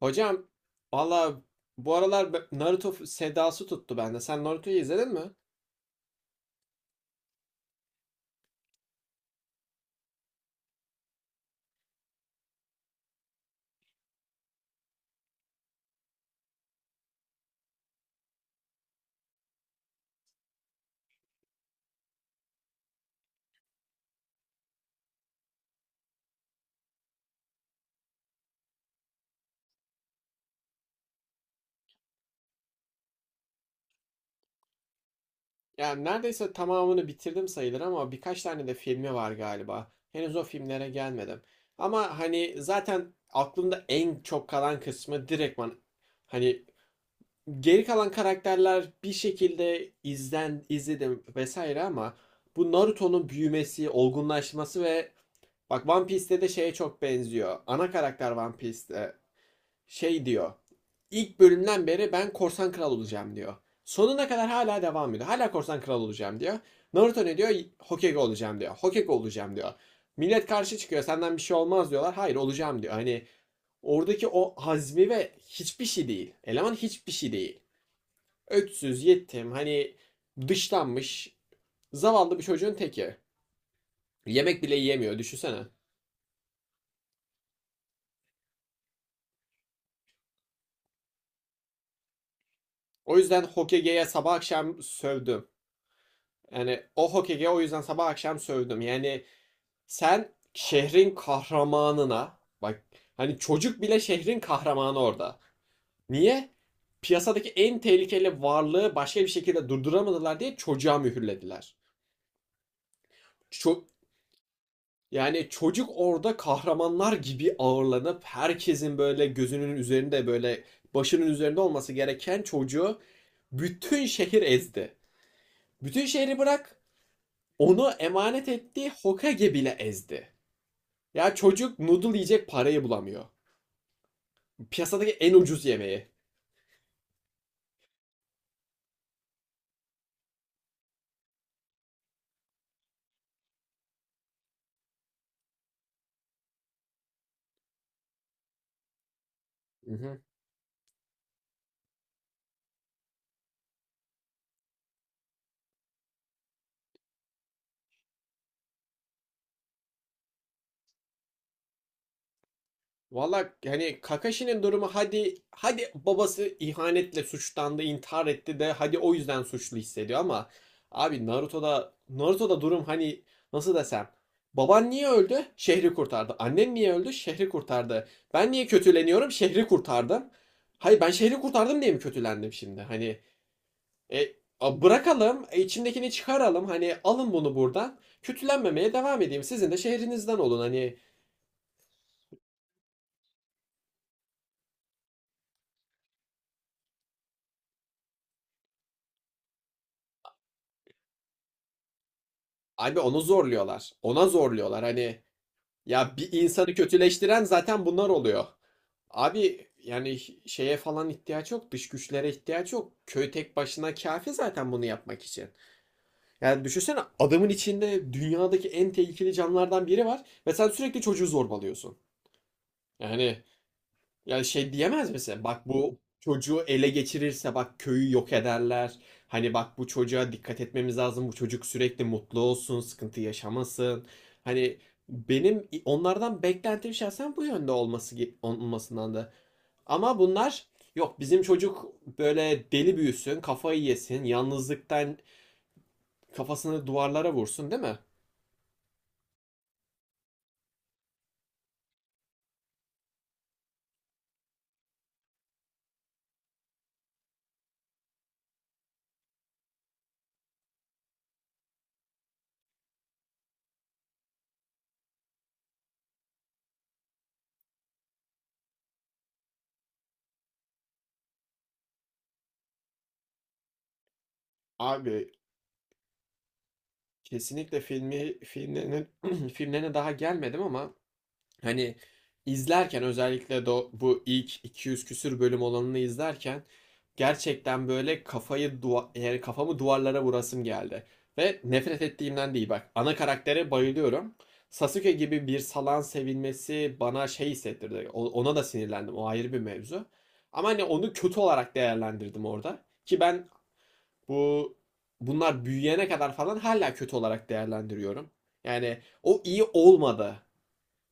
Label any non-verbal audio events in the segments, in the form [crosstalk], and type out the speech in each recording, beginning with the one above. Hocam valla bu aralar Naruto sedası tuttu bende. Sen Naruto'yu izledin mi? Yani neredeyse tamamını bitirdim sayılır ama birkaç tane de filmi var galiba. Henüz o filmlere gelmedim. Ama hani zaten aklımda en çok kalan kısmı direktman hani geri kalan karakterler bir şekilde izledim vesaire ama bu Naruto'nun büyümesi, olgunlaşması ve bak One Piece'te de şeye çok benziyor. Ana karakter One Piece'te şey diyor. İlk bölümden beri ben korsan kral olacağım diyor. Sonuna kadar hala devam ediyor. Hala korsan kral olacağım diyor. Naruto ne diyor? Hokage olacağım diyor. Hokage olacağım diyor. Millet karşı çıkıyor. Senden bir şey olmaz diyorlar. Hayır olacağım diyor. Hani oradaki o hazmi ve hiçbir şey değil. Eleman hiçbir şey değil. Öksüz, yetim, hani dışlanmış, zavallı bir çocuğun teki. Yemek bile yiyemiyor düşünsene. O yüzden Hokage'ye sabah akşam sövdüm. Yani o Hokage'ye o yüzden sabah akşam sövdüm. Yani sen şehrin kahramanına bak, hani çocuk bile şehrin kahramanı orada. Niye? Piyasadaki en tehlikeli varlığı başka bir şekilde durduramadılar diye çocuğa mühürlediler. Ço- yani çocuk orada kahramanlar gibi ağırlanıp herkesin böyle gözünün üzerinde böyle başının üzerinde olması gereken çocuğu bütün şehir ezdi. Bütün şehri bırak, onu emanet ettiği Hokage bile ezdi. Ya çocuk noodle yiyecek parayı bulamıyor. Piyasadaki en ucuz yemeği. Mhm. Valla hani Kakashi'nin durumu hadi hadi babası ihanetle suçlandı, intihar etti de hadi o yüzden suçlu hissediyor ama abi Naruto'da durum hani nasıl desem baban niye öldü? Şehri kurtardı. Annen niye öldü? Şehri kurtardı. Ben niye kötüleniyorum? Şehri kurtardım. Hayır ben şehri kurtardım diye mi kötülendim şimdi? Hani e, bırakalım, içimdekini çıkaralım. Hani alın bunu buradan. Kötülenmemeye devam edeyim. Sizin de şehrinizden olun. Hani abi onu zorluyorlar. Ona zorluyorlar. Hani ya bir insanı kötüleştiren zaten bunlar oluyor. Abi yani şeye falan ihtiyaç yok, dış güçlere ihtiyaç yok. Köy tek başına kafi zaten bunu yapmak için. Yani düşünsene adamın içinde dünyadaki en tehlikeli canlılardan biri var ve sen sürekli çocuğu zorbalıyorsun. Yani ya şey diyemez misin? Bak bu çocuğu ele geçirirse bak köyü yok ederler. Hani bak bu çocuğa dikkat etmemiz lazım. Bu çocuk sürekli mutlu olsun, sıkıntı yaşamasın. Hani benim onlardan beklentim şahsen bu yönde olması olmasından da. Ama bunlar yok bizim çocuk böyle deli büyüsün, kafayı yesin, yalnızlıktan kafasını duvarlara vursun değil mi? Abi kesinlikle filmlerine [clears throat] daha gelmedim ama hani izlerken özellikle bu ilk 200 küsür bölüm olanını izlerken gerçekten böyle kafayı duva yani kafamı duvarlara vurasım geldi. Ve nefret ettiğimden değil bak. Ana karaktere bayılıyorum. Sasuke gibi bir salan sevilmesi bana şey hissettirdi. Ona da sinirlendim. O ayrı bir mevzu. Ama hani onu kötü olarak değerlendirdim orada. Ki ben bu bunlar büyüyene kadar falan hala kötü olarak değerlendiriyorum. Yani o iyi olmadı.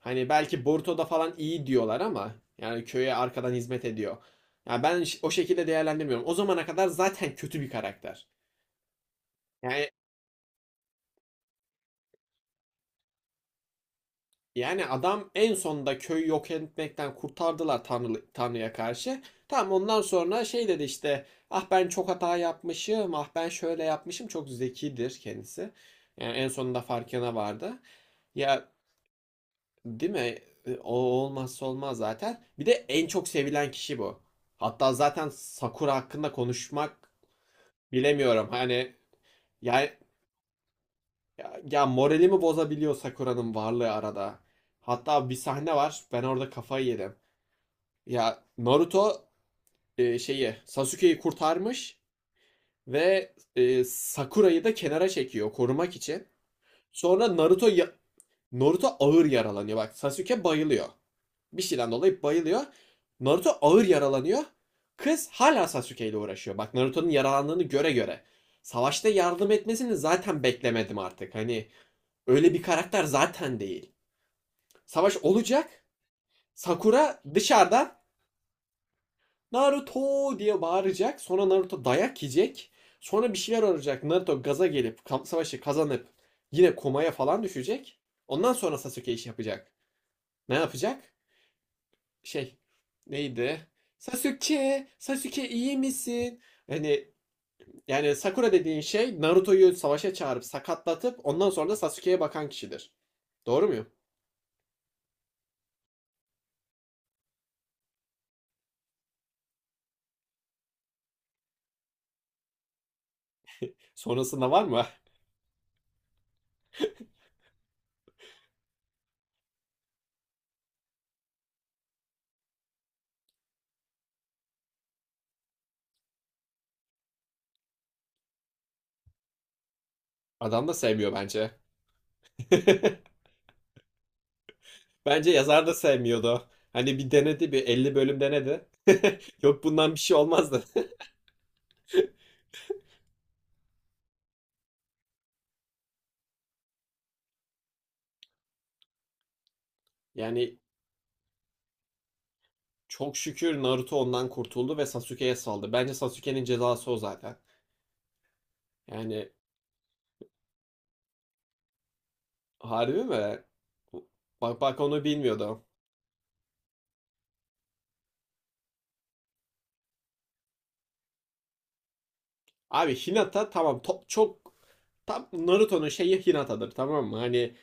Hani belki Boruto'da falan iyi diyorlar ama yani köye arkadan hizmet ediyor. Yani ben o şekilde değerlendirmiyorum. O zamana kadar zaten kötü bir karakter. Yani yani adam en sonunda köyü yok etmekten kurtardılar Tanrı'ya karşı. Tamam ondan sonra şey dedi işte ah ben çok hata yapmışım ah ben şöyle yapmışım çok zekidir kendisi. Yani en sonunda farkına vardı. Ya değil mi? E, o olmazsa olmaz zaten. Bir de en çok sevilen kişi bu. Hatta zaten Sakura hakkında konuşmak bilemiyorum. Hani yani ya moralimi bozabiliyor Sakura'nın varlığı arada. Hatta bir sahne var. Ben orada kafayı yedim. Ya Naruto şeyi Sasuke'yi kurtarmış ve Sakura'yı da kenara çekiyor korumak için. Sonra Naruto ağır yaralanıyor. Bak Sasuke bayılıyor. Bir şeyden dolayı bayılıyor. Naruto ağır yaralanıyor. Kız hala Sasuke ile uğraşıyor. Bak Naruto'nun yaralandığını göre göre. Savaşta yardım etmesini zaten beklemedim artık. Hani öyle bir karakter zaten değil. Savaş olacak. Sakura dışarıdan Naruto diye bağıracak. Sonra Naruto dayak yiyecek. Sonra bir şeyler olacak. Naruto gaza gelip savaşı kazanıp yine komaya falan düşecek. Ondan sonra Sasuke iş yapacak. Ne yapacak? Şey neydi? Sasuke, Sasuke iyi misin? Hani yani Sakura dediğin şey Naruto'yu savaşa çağırıp sakatlatıp ondan sonra da Sasuke'ye bakan kişidir. Doğru muyum? Sonrasında var mı? Adam da sevmiyor bence. [laughs] Bence yazar da sevmiyordu. Hani bir denedi bir 50 bölüm denedi. [laughs] Yok bundan bir şey olmazdı. Yani çok şükür Naruto ondan kurtuldu ve Sasuke'ye saldı. Bence Sasuke'nin cezası o zaten. Yani harbi mi? Bak bak onu bilmiyordum. Abi Hinata tamam top çok tam Naruto'nun şeyi Hinata'dır tamam mı? Hani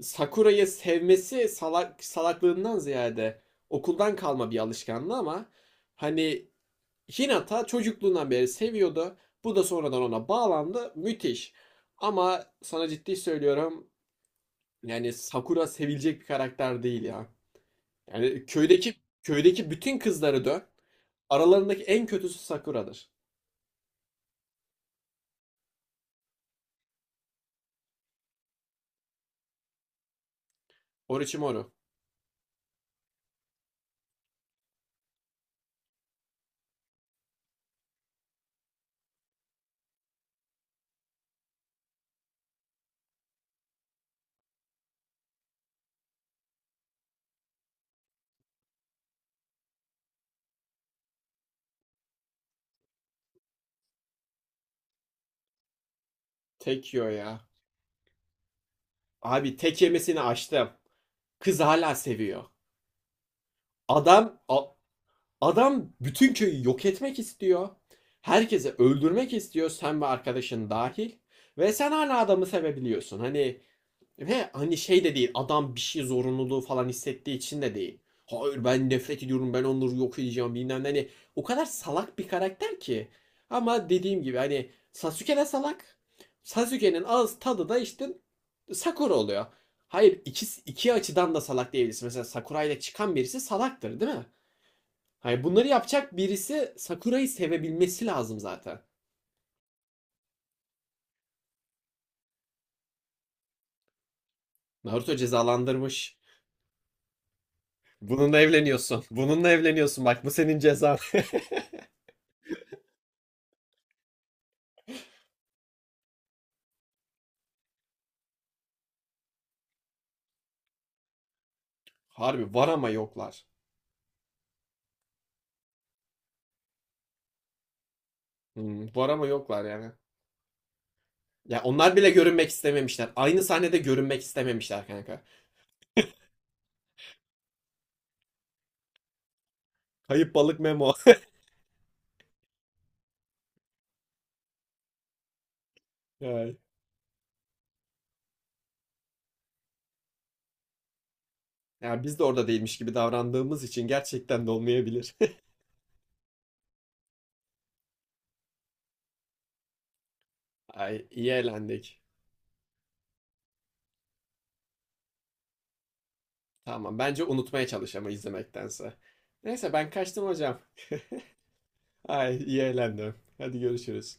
Sakura'yı sevmesi salak salaklığından ziyade okuldan kalma bir alışkanlığı ama hani Hinata çocukluğundan beri seviyordu. Bu da sonradan ona bağlandı. Müthiş. Ama sana ciddi söylüyorum yani Sakura sevilecek bir karakter değil ya. Yani köydeki bütün kızları dön. Aralarındaki en kötüsü Sakura'dır. Orochimaru. Tekyo ya. Abi tek yemesini açtım. Kız hala seviyor. Adam adam bütün köyü yok etmek istiyor. Herkese öldürmek istiyor sen ve arkadaşın dahil. Ve sen hala adamı sevebiliyorsun. Hani ve hani şey de değil adam bir şey zorunluluğu falan hissettiği için de değil. Hayır ben nefret ediyorum ben onları yok edeceğim bilmem ne. Hani o kadar salak bir karakter ki. Ama dediğim gibi hani Sasuke de salak. Sasuke'nin ağız tadı da işte Sakura oluyor. Hayır iki açıdan da salak diyebilirsin. Mesela Sakura ile çıkan birisi salaktır değil mi? Hayır bunları yapacak birisi Sakura'yı sevebilmesi lazım zaten. Naruto cezalandırmış. Bununla evleniyorsun. Bununla evleniyorsun bak bu senin cezan. [laughs] Harbi var ama yoklar. Hmm, var ama yoklar yani. Ya onlar bile görünmek istememişler. Aynı sahnede görünmek istememişler kanka. Kayıp balık Memo. [laughs] Ay. Ya biz de orada değilmiş gibi davrandığımız için gerçekten de olmayabilir. [laughs] Ay iyi eğlendik. Tamam bence unutmaya çalış ama izlemektense. Neyse ben kaçtım hocam. Ay iyi eğlendim. Hadi görüşürüz.